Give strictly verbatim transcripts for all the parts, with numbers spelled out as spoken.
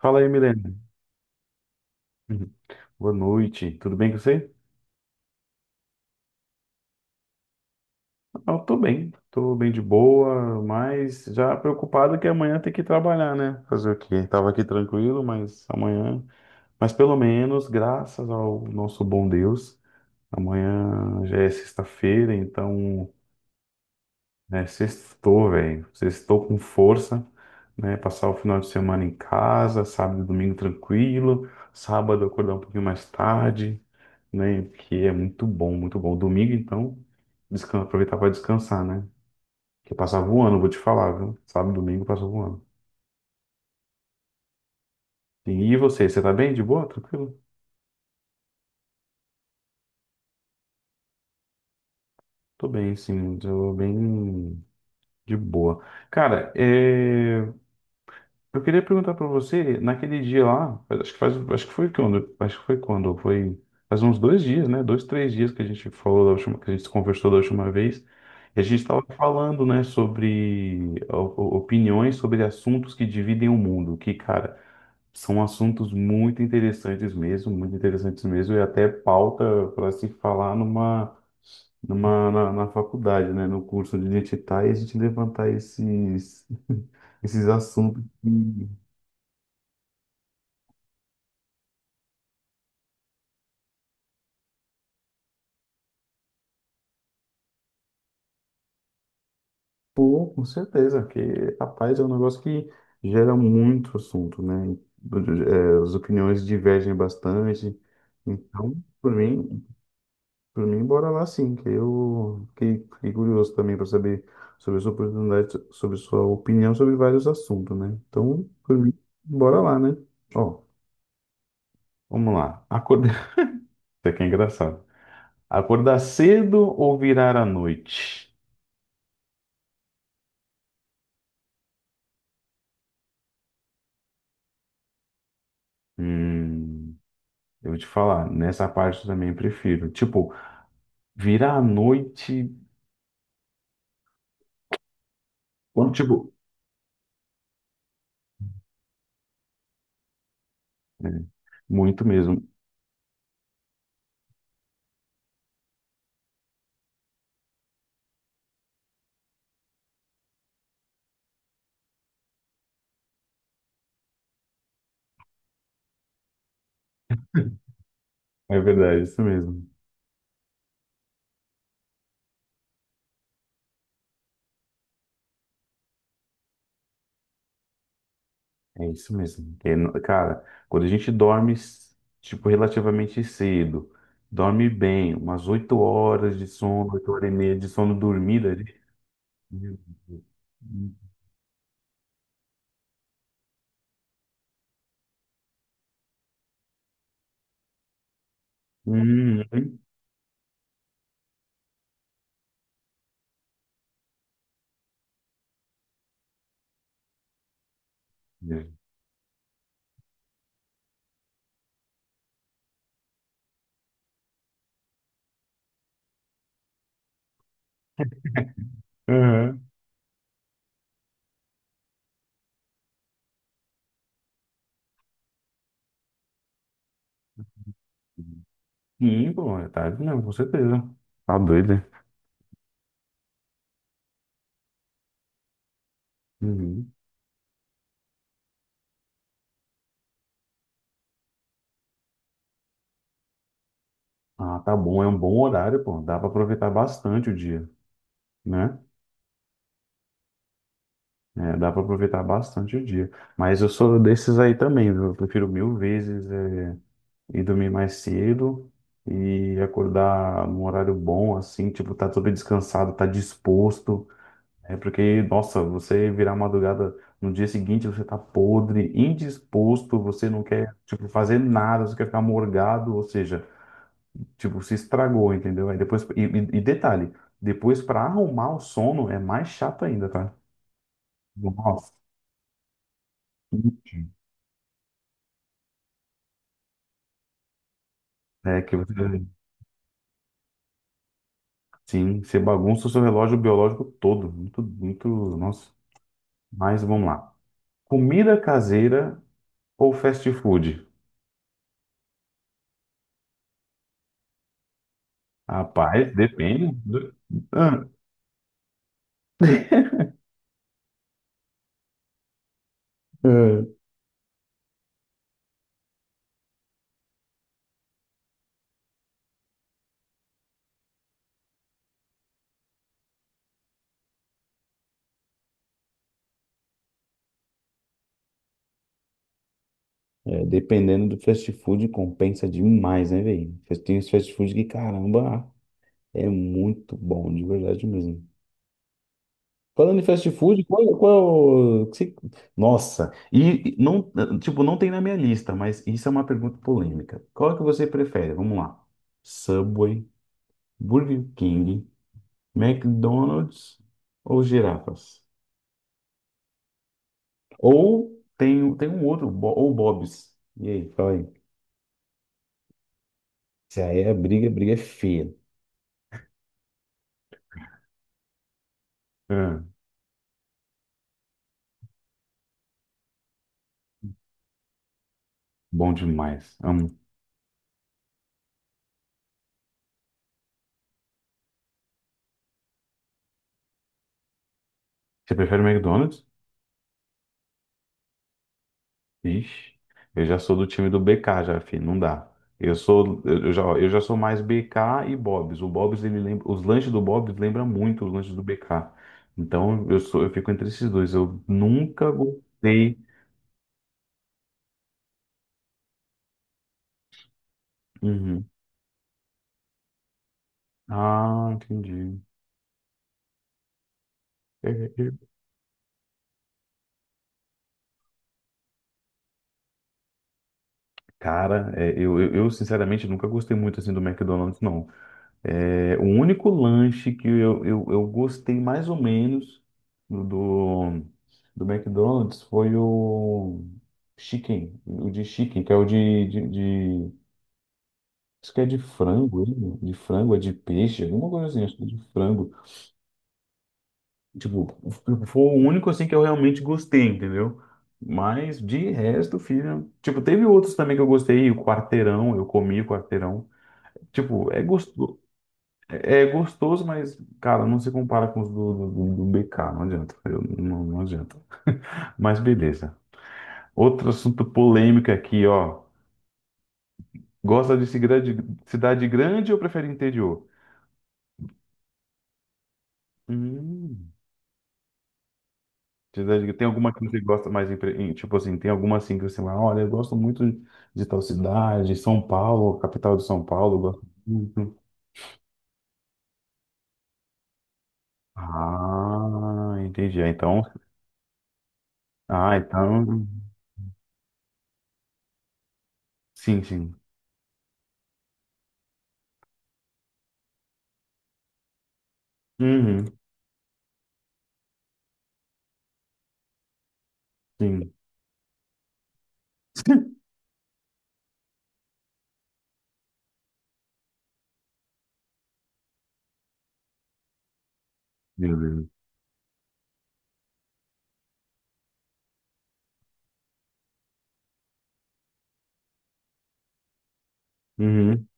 Fala aí, Milena. Uhum. Boa noite. Tudo bem com você? Ah, Eu tô bem. Tô bem de boa, mas já preocupado que amanhã tem que trabalhar, né? Fazer o quê? Tava aqui tranquilo, mas amanhã. Mas pelo menos, graças ao nosso bom Deus, amanhã já é sexta-feira, então é sextou, velho. Sextou com força, né? Passar o final de semana em casa, sábado e domingo tranquilo, sábado acordar um pouquinho mais tarde, né? Porque é muito bom, muito bom. Domingo, então, descan- aproveitar para descansar, né? Porque passava voando, vou te falar, viu? Sábado, domingo passa voando. E e você, você tá bem? De boa? Tranquilo? Tô bem, sim, tô bem de boa. Cara, é... eu queria perguntar pra você, naquele dia lá, acho que faz, acho que foi quando, acho que foi quando, foi faz uns dois dias, né? Dois, três dias que a gente falou da última, que a gente se conversou da última vez, e a gente estava falando, né, sobre o- o- opiniões sobre assuntos que dividem o mundo, que, cara, são assuntos muito interessantes mesmo, muito interessantes mesmo, e até pauta para se falar numa numa, na, na faculdade, né, no curso de onde a gente está, e a gente levantar esses, esses assuntos. Pô, com certeza, porque, rapaz, é um negócio que gera muito assunto, né? É, as opiniões divergem bastante. Então, por mim, por mim, bora lá sim, que eu fiquei, fiquei curioso também para saber sobre sua oportunidade, sobre sua opinião sobre vários assuntos, né? Então, por mim, bora lá, né? Ó, vamos lá. Acordar. Isso aqui é engraçado. Acordar cedo ou virar à noite? Hum, eu vou te falar, nessa parte eu também prefiro. Tipo, vira à noite, quando, tipo, é, muito mesmo. É verdade, é isso mesmo. É isso mesmo. É, no- cara, quando a gente dorme, s- tipo, relativamente cedo, dorme bem, umas oito horas de sono, oito horas e meia de sono dormida ali. Meu Deus. Hum, hum. Uhum. Sim, pô, é tarde mesmo, com certeza. Tá doido, né? Uhum. Ah, tá bom, é um bom horário, pô. Dá pra aproveitar bastante o dia, né? É, dá para aproveitar bastante o dia. Mas eu sou desses aí também, viu? Eu prefiro mil vezes é, ir dormir mais cedo e acordar num horário bom, assim, tipo, tá todo descansado, tá disposto. É porque, nossa, você virar madrugada no dia seguinte, você tá podre, indisposto, você não quer, tipo, fazer nada, você quer ficar morgado, ou seja, tipo, se estragou, entendeu? Aí depois, e, e e detalhe, depois para arrumar o sono é mais chato ainda, tá? Nossa. É que você, sim, você bagunça o seu relógio biológico todo. Muito, muito, nossa. Mas vamos lá. Comida caseira ou fast food? Rapaz, depende do... Ah, é, é, dependendo do fast food, compensa demais, né, velho? Tem os fast food que, caramba, é muito bom, de verdade mesmo. Falando em fast food, qual, qual... que se- nossa, e e não, tipo, não tem na minha lista, mas isso é uma pergunta polêmica. Qual que você prefere? Vamos lá. Subway, Burger King, McDonald's ou girafas? Ou tem, tem um outro, Bo- ou Bob's. E aí, fala aí. Se aí a briga, a briga é feia. Ah, bom demais. Amo. Você prefere McDonald's? Ixi, eu já sou do time do B K já, filho, não dá. Eu sou, eu já, eu já sou mais B K e Bob's. O Bob's, ele lembra, os lanches do Bob's lembram muito os lanches do B K. Então, eu sou, eu fico entre esses dois. Eu nunca gostei. Uhum. Ah, entendi. É, é, é. Cara, é, eu, eu, eu sinceramente nunca gostei muito assim do McDonald's, não. É, o único lanche que eu, eu, eu gostei mais ou menos do, do, do McDonald's foi o chicken, o de chicken, que é o de, de, de- acho que é de frango, ele, né? De frango, é de peixe, alguma coisa assim, acho que é de frango. Tipo, foi o único assim que eu realmente gostei, entendeu? Mas de resto, filho, tipo, teve outros também que eu gostei, o quarteirão, eu comi o quarteirão. Tipo, é gostoso. É gostoso, mas, cara, não se compara com os do, do, do- do B K, não adianta, eu- não, não adianta. Mas beleza. Outro assunto polêmico aqui, ó. Gosta de cidade, cidade grande ou prefere interior? Hum, cidade, tem alguma que você gosta mais, em pre- em- tipo assim, tem alguma assim que você fala, olha, eu gosto muito de tal cidade, São Paulo, capital de São Paulo, eu gosto muito. Ah, entendi. Ah, então, ah, então, sim, sim. Uhum, sim. Meu Deus. Uhum.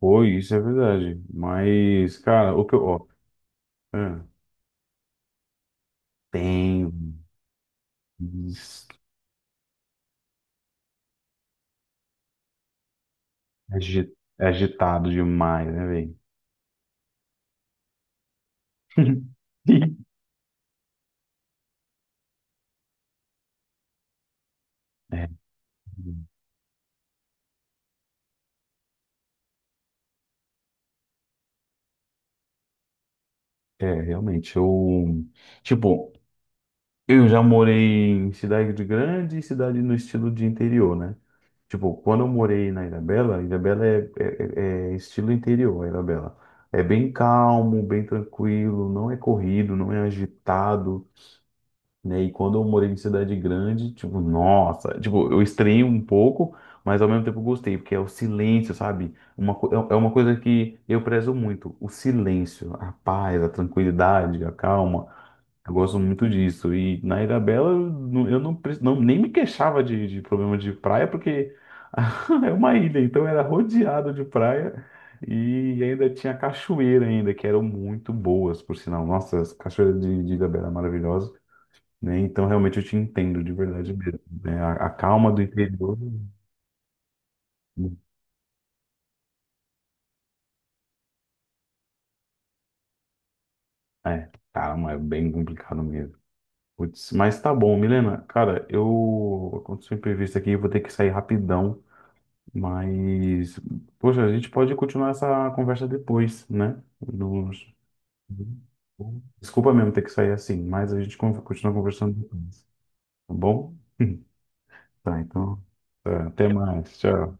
Foi, isso é verdade. Mas, cara, o que eu. Ó, é, tem. is- agi- É agitado demais, né, velho? É, é, realmente. Eu. Tipo, eu já morei em cidade grande e cidade no estilo de interior, né? Tipo, quando eu morei na Ilhabela, Ilhabela é, é, é é estilo interior, a Ilhabela. É bem calmo, bem tranquilo, não é corrido, não é agitado, né? E quando eu morei em cidade grande, tipo, nossa, tipo, eu estranhei um pouco, mas ao mesmo tempo eu gostei, porque é o silêncio, sabe? Uma, co- é é uma coisa que eu prezo muito, o silêncio, a paz, a tranquilidade, a calma. Eu gosto muito disso. E na Ilha Bela eu não, eu não pre- não- nem me queixava de, de problema de praia, porque é uma ilha, então era rodeado de praia. E ainda tinha cachoeira ainda, que eram muito boas, por sinal. Nossa, as cachoeiras de, de Ilhabela eram maravilhosas, né? Então, realmente, eu te entendo de verdade mesmo, né? A, a calma do interior. É, calma, é bem complicado mesmo. Putz, mas tá bom, Milena. Cara, eu. Aconteceu um imprevisto aqui, eu vou ter que sair rapidão. Mas. Poxa, a gente pode continuar essa conversa depois, né? Nos- Desculpa mesmo ter que sair assim, mas a gente con- continua conversando depois, tá bom? Tá, então, tá, até mais. Tchau.